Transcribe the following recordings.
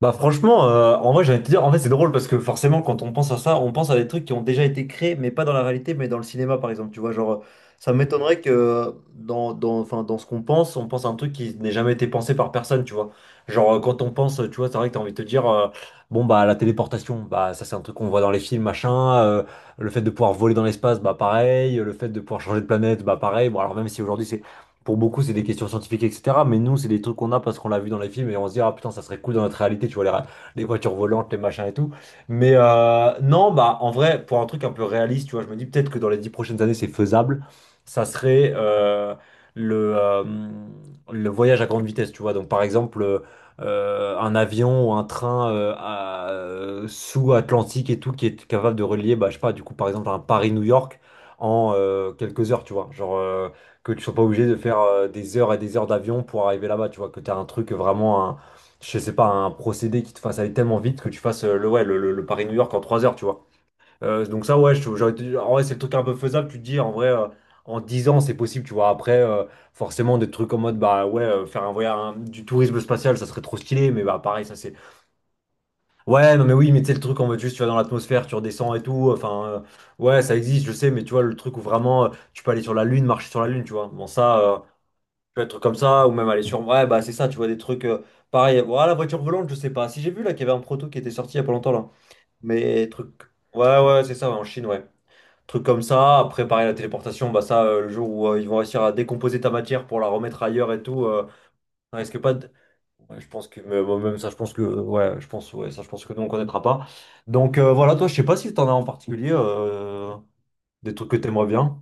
En vrai, j'ai envie de te dire, en fait, c'est drôle parce que forcément, quand on pense à ça, on pense à des trucs qui ont déjà été créés, mais pas dans la réalité, mais dans le cinéma, par exemple. Tu vois, genre, ça m'étonnerait que dans ce qu'on pense, on pense à un truc qui n'ait jamais été pensé par personne, tu vois. Genre, quand on pense, tu vois, c'est vrai que t'as envie de te dire, bon, bah, la téléportation, bah, ça, c'est un truc qu'on voit dans les films, machin. Le fait de pouvoir voler dans l'espace, bah, pareil. Le fait de pouvoir changer de planète, bah, pareil. Bon, alors, même si aujourd'hui, c'est pour beaucoup, c'est des questions scientifiques, etc. Mais nous, c'est des trucs qu'on a parce qu'on l'a vu dans les films et on se dit, ah putain, ça serait cool dans notre réalité, tu vois, les voitures volantes, les machins et tout. Mais non, bah en vrai, pour un truc un peu réaliste, tu vois, je me dis peut-être que dans les 10 prochaines années, c'est faisable. Ça serait le, euh, le voyage à grande vitesse, tu vois. Donc par exemple, un avion ou un train sous-Atlantique et tout qui est capable de relier, bah, je sais pas, du coup, par exemple, un Paris-New York en quelques heures, tu vois. Que tu sois pas obligé de faire des heures et des heures d'avion pour arriver là-bas, tu vois, que tu as un truc vraiment, je sais pas, un procédé qui te fasse aller tellement vite que tu fasses le, ouais, le Paris-New York en 3 heures, tu vois. Donc ça, ouais, en vrai, c'est le truc un peu faisable, tu te dis, en vrai, en 10 ans, c'est possible, tu vois. Après, forcément, des trucs en mode, bah ouais, faire un voyage, du tourisme spatial, ça serait trop stylé, mais bah pareil, ça c'est... Ouais, non mais oui, mais tu sais, le truc en mode juste, tu vas dans l'atmosphère, tu redescends et tout, ouais, ça existe, je sais, mais tu vois, le truc où vraiment tu peux aller sur la Lune, marcher sur la Lune, tu vois. Bon, ça, peut être comme ça, ou même aller sur. Ouais, bah c'est ça, tu vois, des trucs, pareil, voilà, la voiture volante, je sais pas. Si j'ai vu là qu'il y avait un proto qui était sorti il y a pas longtemps là. Mais truc. Ouais, ouais, c'est ça, ouais, en Chine, ouais. Truc comme ça, après, pareil, la téléportation, bah ça, le jour où ils vont réussir à décomposer ta matière pour la remettre ailleurs et tout, ça risque pas de. Ouais, je pense que. Mais bon, même ça, je pense que. Ouais, je pense, ouais, ça, je pense que nous, on connaîtra pas. Donc voilà, toi, je sais pas si t'en as en particulier des trucs que t'aimerais bien.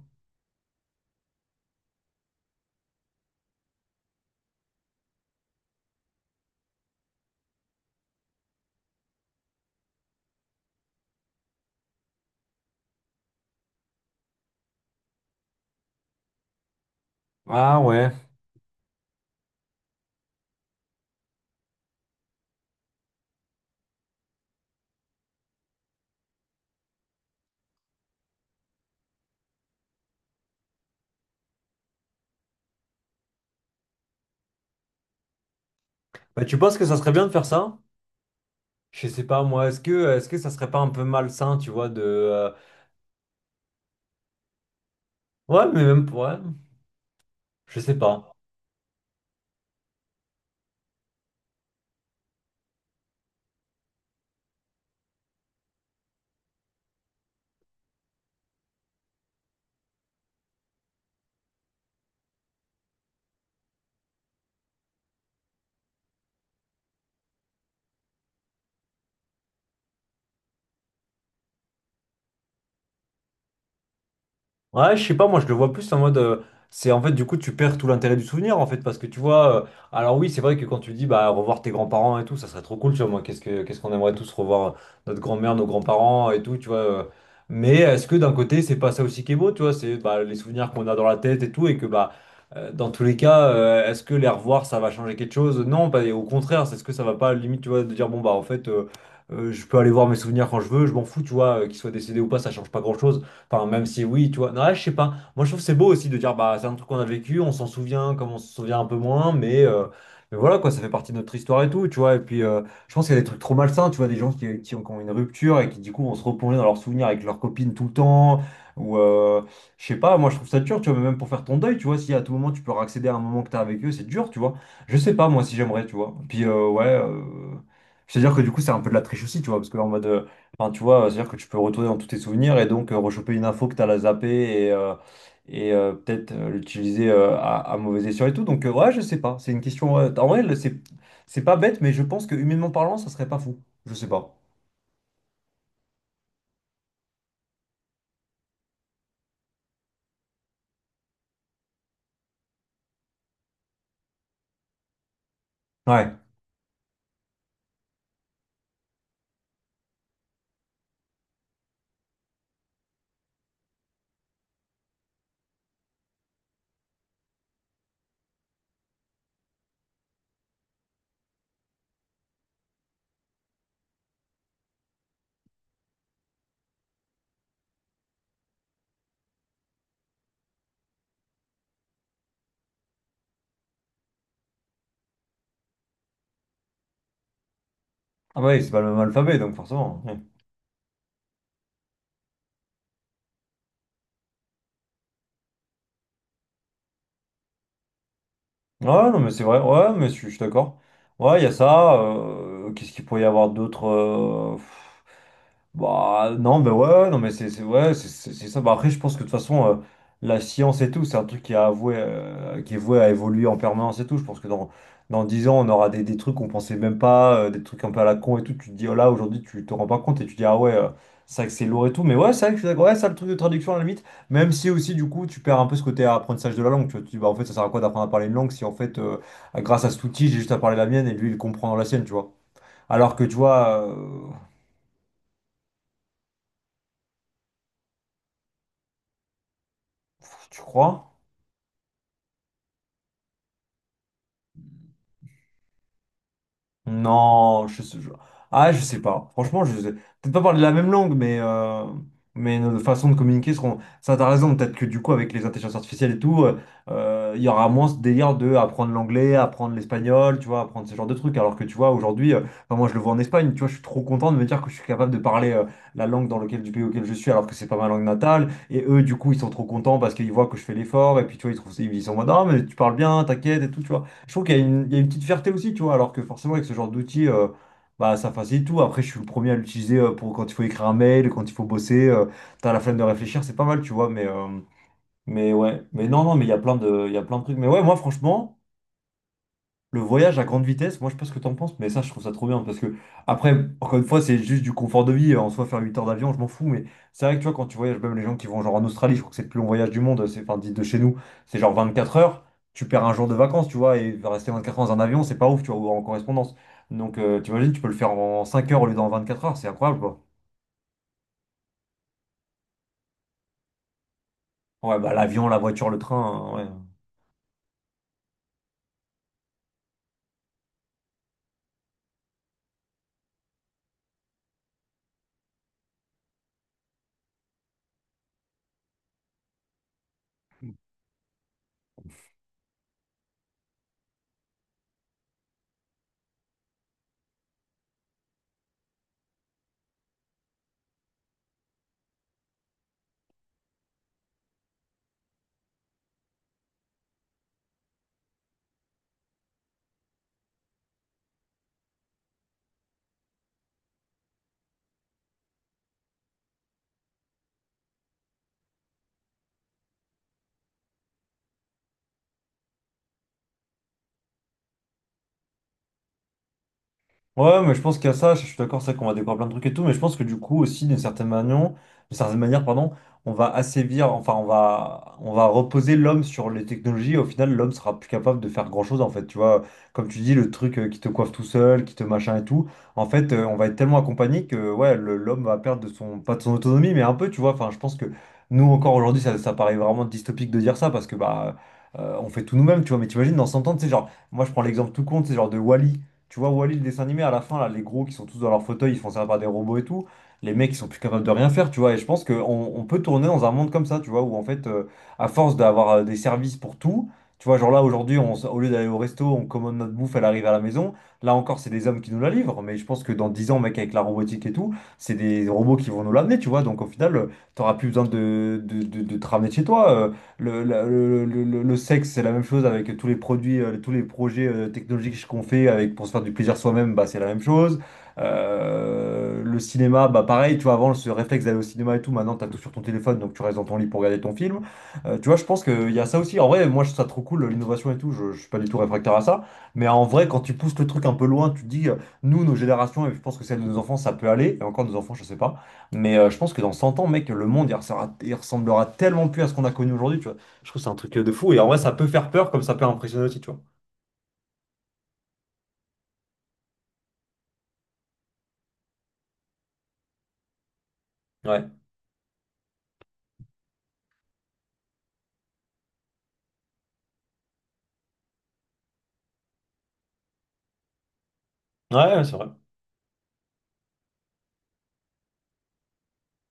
Ah ouais. Bah, tu penses que ça serait bien de faire ça? Je sais pas moi, est-ce que ça serait pas un peu malsain, tu vois, de ouais, mais même pour ouais, je sais pas. Ouais, je sais pas, moi je le vois plus en mode. C'est en fait, du coup, tu perds tout l'intérêt du souvenir en fait, parce que tu vois. Alors, oui, c'est vrai que quand tu dis bah revoir tes grands-parents et tout, ça serait trop cool, tu vois. Moi, qu'est-ce qu'on aimerait tous revoir notre grand-mère, nos grands-parents et tout, tu vois. Mais est-ce que d'un côté, c'est pas ça aussi qui est beau, tu vois, c'est bah, les souvenirs qu'on a dans la tête et tout, et que bah. Dans tous les cas, est-ce que les revoir, ça va changer quelque chose? Non, bah, et au contraire, c'est ce que ça va pas, limite, tu vois, de dire, bon, bah, en fait, je peux aller voir mes souvenirs quand je veux, je m'en fous, tu vois, qu'ils soient décédés ou pas, ça change pas grand-chose. Enfin, même si oui, tu vois. Non, là, je sais pas. Moi, je trouve que c'est beau aussi de dire, bah, c'est un truc qu'on a vécu, on s'en souvient comme on se souvient un peu moins, mais mais voilà, quoi, ça fait partie de notre histoire et tout, tu vois. Et puis, je pense qu'il y a des trucs trop malsains, tu vois, des gens qui ont une rupture et qui, du coup, vont se replonger dans leurs souvenirs avec leurs copines tout le temps, ou je sais pas, moi, je trouve ça dur, tu vois, mais même pour faire ton deuil, tu vois, si à tout moment tu peux accéder à un moment que t'as avec eux, c'est dur, tu vois. Je sais pas, moi, si j'aimerais, tu vois. Puis, ouais. C'est-à-dire que du coup, c'est un peu de la triche aussi, tu vois, parce que en mode. Enfin, tu vois, c'est-à-dire que tu peux retourner dans tous tes souvenirs et donc rechoper une info que tu as la zappée et, euh, et peut-être l'utiliser à mauvais escient et tout. Donc, ouais, je sais pas. C'est une question. En vrai, c'est pas bête, mais je pense que humainement parlant, ça serait pas fou. Je sais pas. Ouais. Ah, bah oui, c'est pas le même alphabet, donc forcément. Ouais, non, mais c'est vrai. Ouais, mais je suis d'accord. Ouais, il y a ça. Qu'est-ce qu'il pourrait y avoir d'autre bah, non, mais ouais, non, mais ouais, c'est ça. Bah, après, je pense que de toute façon, la science et tout, c'est un truc qui est voué à évoluer en permanence et tout. Je pense que dans 10 ans, on aura des trucs qu'on pensait même pas, des trucs un peu à la con et tout. Tu te dis, oh là, aujourd'hui, tu te rends pas compte et tu te dis, ah ouais, ça accélère et tout. Mais ouais, c'est vrai que je suis d'accord. Ouais, ça, le truc de traduction, à la limite. Même si aussi, du coup, tu perds un peu ce côté apprentissage de la langue. Tu vois, tu dis, bah, en fait, ça sert à quoi d'apprendre à parler une langue si, en fait, grâce à cet outil, j'ai juste à parler la mienne et lui, il comprend la sienne, tu vois. Alors que, tu vois, tu crois? Non, je sais, je- Ah, je sais pas. Franchement, je sais. Peut-être pas parler la même langue, mais mais nos façons de communiquer seront. Ça, t'as raison. Peut-être que du coup, avec les intelligences artificielles et tout, il y aura moins ce délire de apprendre l'anglais, apprendre l'espagnol, tu vois, apprendre ce genre de trucs. Alors que tu vois, aujourd'hui, enfin, moi, je le vois en Espagne, tu vois, je suis trop content de me dire que je suis capable de parler la langue dans lequel, du pays auquel je suis, alors que c'est pas ma langue natale. Et eux, du coup, ils sont trop contents parce qu'ils voient que je fais l'effort. Et puis, tu vois, ils trouvent, ils sont en mode, ah, mais tu parles bien, t'inquiète et tout, tu vois. Je trouve qu'il y a il y a une petite fierté aussi, tu vois, alors que forcément avec ce genre d'outil, bah, ça facilite tout. Après, je suis le premier à l'utiliser pour quand il faut écrire un mail, quand il faut bosser, t'as la flemme de réfléchir, c'est pas mal, tu vois, mais mais ouais, mais non, non, mais il y a il y a plein de trucs. Mais ouais, moi franchement, le voyage à grande vitesse, moi je sais pas ce que t'en penses, mais ça je trouve ça trop bien parce que après, encore une fois, c'est juste du confort de vie. En soi, faire 8 heures d'avion, je m'en fous, mais c'est vrai que tu vois, quand tu voyages, même les gens qui vont genre en Australie, je crois que c'est le plus long voyage du monde, c'est enfin dit de chez nous, c'est genre 24 heures, tu perds un jour de vacances, tu vois, et rester 24 heures dans un avion, c'est pas ouf, tu vois, ou en correspondance. Donc tu imagines, tu peux le faire en 5 heures au lieu d'en 24 heures, c'est incroyable quoi. Ouais, bah l'avion, la voiture, le train, hein, ouais. Ouais, mais je pense qu'il y a ça, je suis d'accord, c'est vrai qu'on va découvrir plein de trucs et tout, mais je pense que du coup aussi, d'une certaine manière, pardon, on va assévir, enfin on va reposer l'homme sur les technologies, et au final l'homme sera plus capable de faire grand-chose en fait, tu vois, comme tu dis, le truc qui te coiffe tout seul, qui te machin et tout, en fait on va être tellement accompagné que ouais, l'homme va perdre de son, pas de son autonomie, mais un peu, tu vois, enfin je pense que nous encore aujourd'hui, ça paraît vraiment dystopique de dire ça, parce que bah... on fait tout nous-mêmes, tu vois, mais t'imagines dans 100 ans, tu sais, genre, moi je prends l'exemple tout con, c'est genre de Wall-E tu vois, Wall-E, le dessin animé, à la fin, là, les gros qui sont tous dans leur fauteuil, ils se font servir par des robots et tout. Les mecs, ils sont plus capables de rien faire, tu vois. Et je pense qu'on peut tourner dans un monde comme ça, tu vois, où en fait, à force d'avoir des services pour tout, tu vois, genre là, aujourd'hui, au lieu d'aller au resto, on commande notre bouffe, elle arrive à la maison. Là encore, c'est des hommes qui nous la livrent. Mais je pense que dans 10 ans, mec, avec la robotique et tout, c'est des robots qui vont nous l'amener, tu vois. Donc au final, t'auras plus besoin de te ramener de chez toi. Le, la- le sexe, c'est la même chose avec tous les produits, tous les projets technologiques qu'on fait avec, pour se faire du plaisir soi-même, bah, c'est la même chose. Le cinéma, bah pareil, tu vois, avant ce réflexe d'aller au cinéma et tout, maintenant t'as tout sur ton téléphone, donc tu restes dans ton lit pour regarder ton film. Tu vois, je pense qu'il y a ça aussi. En vrai, moi je trouve ça trop cool, l'innovation et tout, je suis pas du tout réfractaire à ça. Mais en vrai, quand tu pousses le truc un peu loin, tu te dis, nous, nos générations, et je pense que celle de nos enfants, ça peut aller, et encore nos enfants, je sais pas. Mais je pense que dans 100 ans, mec, le monde, il ressemblera tellement plus à ce qu'on a connu aujourd'hui, tu vois. Je trouve que c'est un truc de fou. Et en vrai, ça peut faire peur comme ça peut impressionner aussi, tu vois. Ouais, ouais, c'est vrai.